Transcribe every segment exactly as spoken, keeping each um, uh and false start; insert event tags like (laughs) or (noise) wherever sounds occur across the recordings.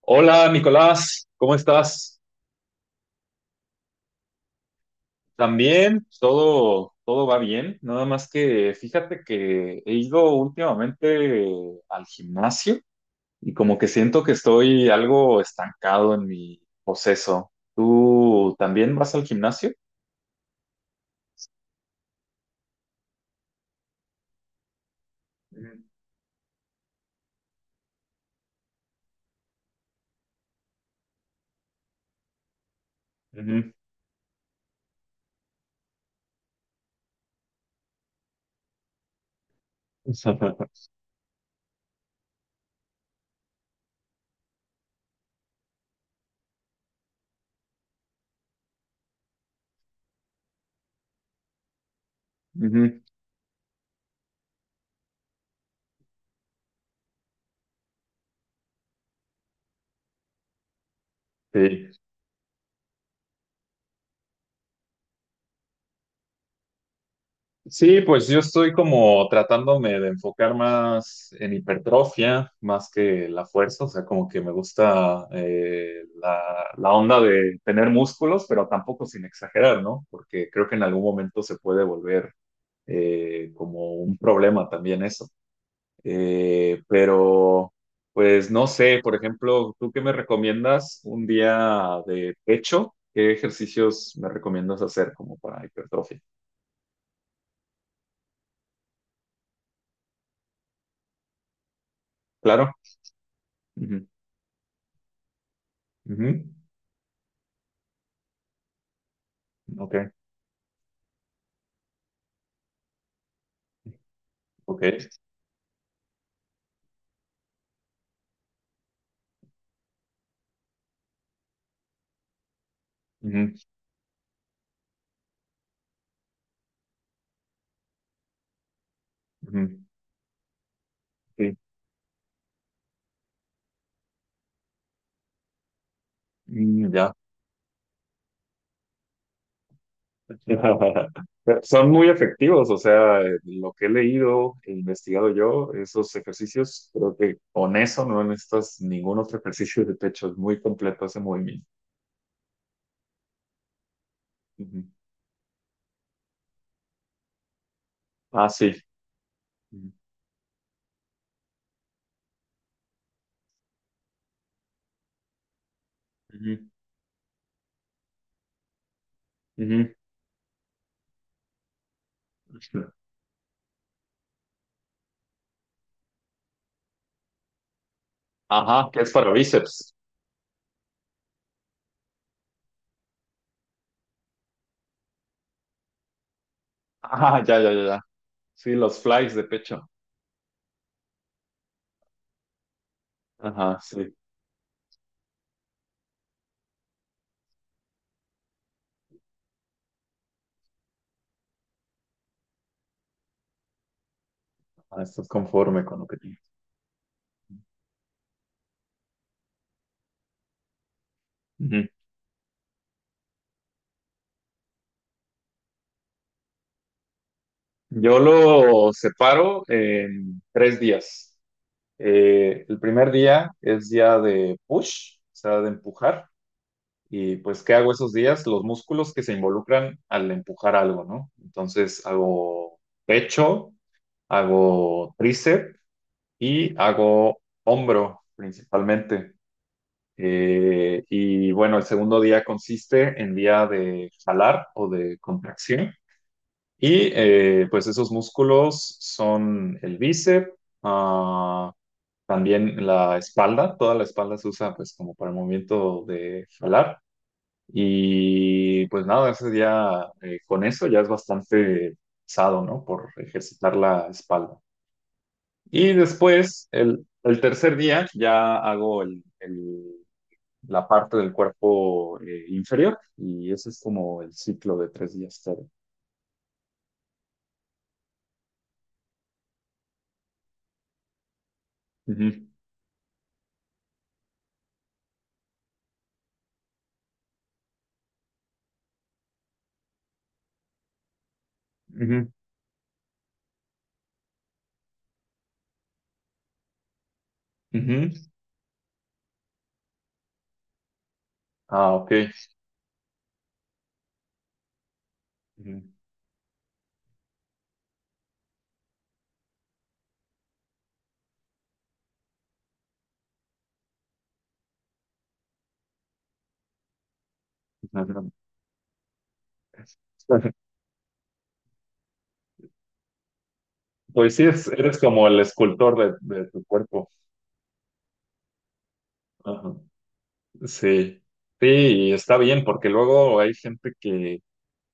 Hola, Nicolás, ¿cómo estás? También, todo, todo va bien, nada más que fíjate que he ido últimamente al gimnasio y como que siento que estoy algo estancado en mi proceso. ¿Tú también vas al gimnasio? Ujú. Ujú. (laughs) Ujú. Sí. Sí, pues yo estoy como tratándome de enfocar más en hipertrofia, más que la fuerza, o sea, como que me gusta eh, la, la onda de tener músculos, pero tampoco sin exagerar, ¿no? Porque creo que en algún momento se puede volver eh, como un problema también eso. Eh, pero, pues no sé, por ejemplo, ¿tú qué me recomiendas un día de pecho? ¿Qué ejercicios me recomiendas hacer como para hipertrofia? Claro. Ujú, ujú. Ok, ok. Ujú, ujú, sí, mm, ya. (laughs) Son muy efectivos, o sea, eh, lo que he leído e investigado yo, esos ejercicios, creo que con eso no necesitas ningún otro ejercicio de pecho, es muy completo ese movimiento. Ujú. Ah, sí. Ujú, ujú, ujú. Ajá, que es para bíceps. Ah, ya, ya, ya, ya. Sí, los flies de pecho. Ajá, sí. Ah, estás conforme con lo que tienes. Yo lo separo en tres días. Eh, el primer día es día de push, o sea, de empujar. Y pues, ¿qué hago esos días? Los músculos que se involucran al empujar algo, ¿no? Entonces, hago pecho, hago tríceps y hago hombro principalmente. Eh, y bueno, el segundo día consiste en día de jalar o de contracción. Y eh, pues esos músculos son el bíceps, ah, también la espalda, toda la espalda se usa pues como para el movimiento de jalar. Y pues nada, ese día eh, con eso ya es bastante pesado, ¿no? Por ejercitar la espalda. Y después, el, el tercer día, ya hago el, el- la parte del cuerpo eh, inferior y ese es como el ciclo de tres días. Todo. Ujú, ujú, ujú. Ah, ok. Ujú. (laughs) Ajá. Pues sí, es- eres como el escultor de, de tu cuerpo. Ajá. Sí, sí, y está bien, porque luego hay gente que,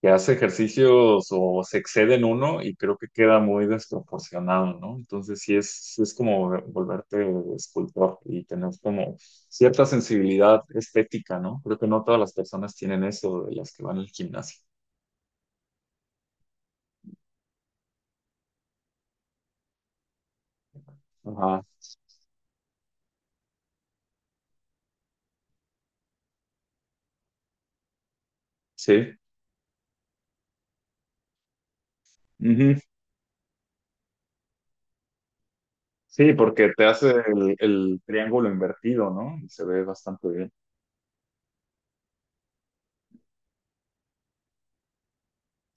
que hace ejercicios o se excede en uno y creo que queda muy desproporcionado, ¿no? Entonces sí es, sí es como volverte escultor y tener como cierta sensibilidad estética, ¿no? Creo que no todas las personas tienen eso de las que van al gimnasio. Ajá, sí. Ujú. Sí, porque te hace el, el triángulo invertido, ¿no? Y se ve bastante bien.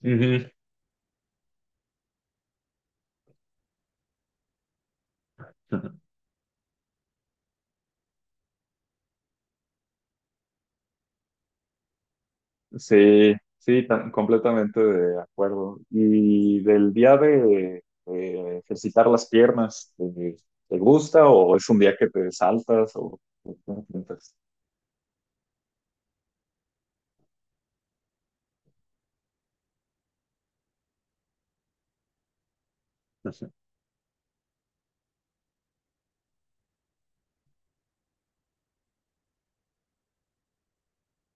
Ujú. (laughs) Sí, sí, tan- completamente de acuerdo. Y del día de, de ejercitar las piernas, ¿te, te gusta o es un día que te saltas o o cómo piensas?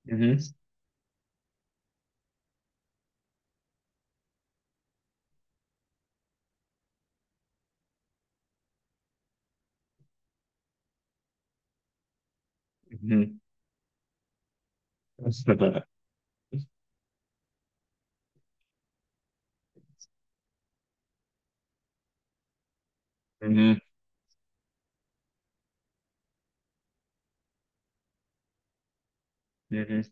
Ujú, ujú. (laughs) Ujú, ujú.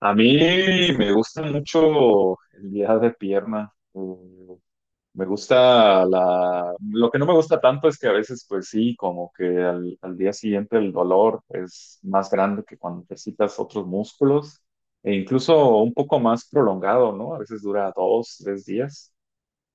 A mí me gusta mucho el día de pierna. eh, Me gusta la... Lo que no me gusta tanto es que a veces, pues sí, como que al, al día siguiente el dolor es más grande que cuando ejercitas otros músculos e incluso un poco más prolongado, ¿no? A veces dura dos, tres días,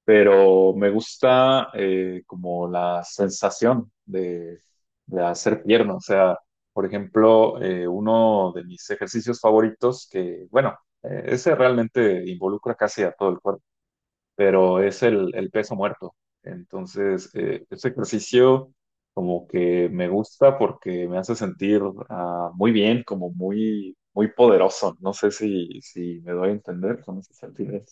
pero me gusta eh, como la sensación de, de hacer pierna. O sea, por ejemplo, eh, uno de mis ejercicios favoritos que, bueno, eh, ese realmente involucra casi a todo el cuerpo, pero es el, el peso muerto. Entonces, eh, este ejercicio como que me gusta porque me hace sentir ah, muy bien, como muy, muy poderoso. No sé si, si me doy a entender con ese sentido.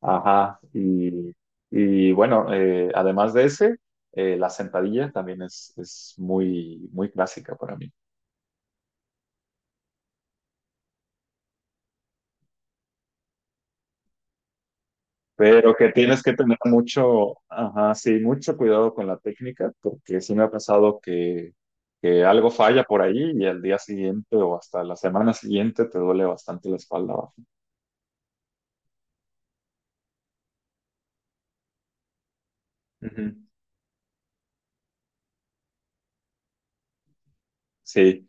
Ajá, y, y bueno, eh, además de ese, eh, la sentadilla también es, es muy, muy clásica para mí. Pero que tienes que tener mucho, ajá, sí, mucho cuidado con la técnica, porque sí me ha pasado que, que algo falla por ahí y al día siguiente o hasta la semana siguiente te duele bastante la espalda baja. Ujú. Sí,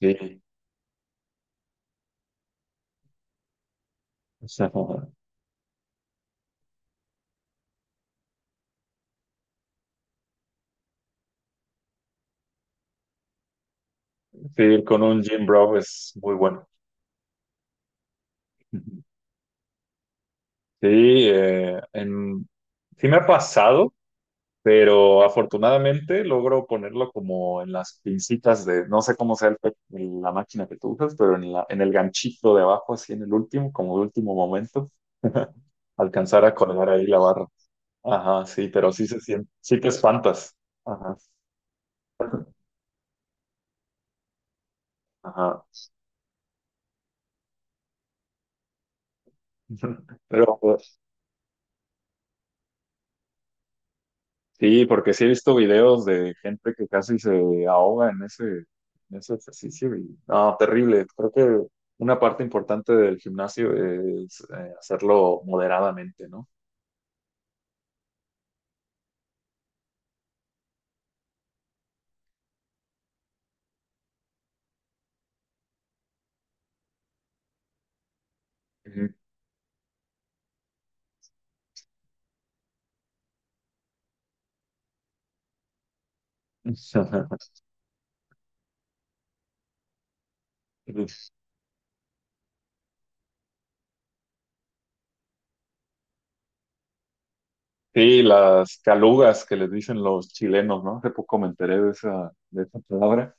sí. O sea, sí, ir con un gym bro es muy bueno. Ujú. Sí, eh, en- sí me ha pasado, pero afortunadamente logro ponerlo como en las pincitas de, no sé cómo sea el pe- la máquina que tú usas, pero en la, en el ganchito de abajo, así en el último, como de último momento, alcanzar a colgar ahí la barra. Ajá, sí, pero sí se siente, sí te espantas. Ajá, ajá. (laughs) Pero pues, sí, porque sí he visto videos de gente que casi se ahoga en ese, en ese ejercicio y, no, terrible. Creo que una parte importante del gimnasio es eh, hacerlo moderadamente, ¿no? Ujú. (laughs) Sí, las calugas que les dicen los chilenos, ¿no? Hace poco me enteré de esa, de esa palabra.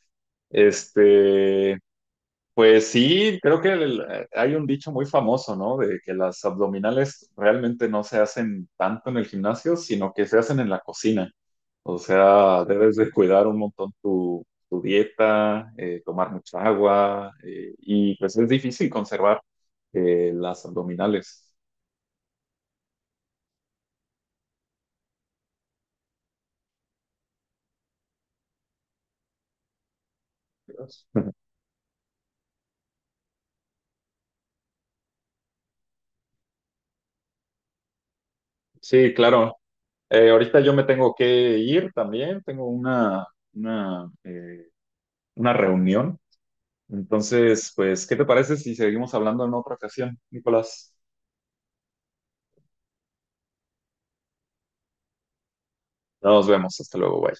Este, pues sí, creo que el- hay un dicho muy famoso, ¿no? De que las abdominales realmente no se hacen tanto en el gimnasio, sino que se hacen en la cocina. O sea, debes de cuidar un montón tu, tu dieta, eh, tomar mucha agua, eh, y pues es difícil conservar eh, las abdominales. Sí, claro. Eh, ahorita yo me tengo que ir también, tengo una, una, eh, una reunión. Entonces, pues, ¿qué te parece si seguimos hablando en otra ocasión, Nicolás? Nos vemos, hasta luego, bye.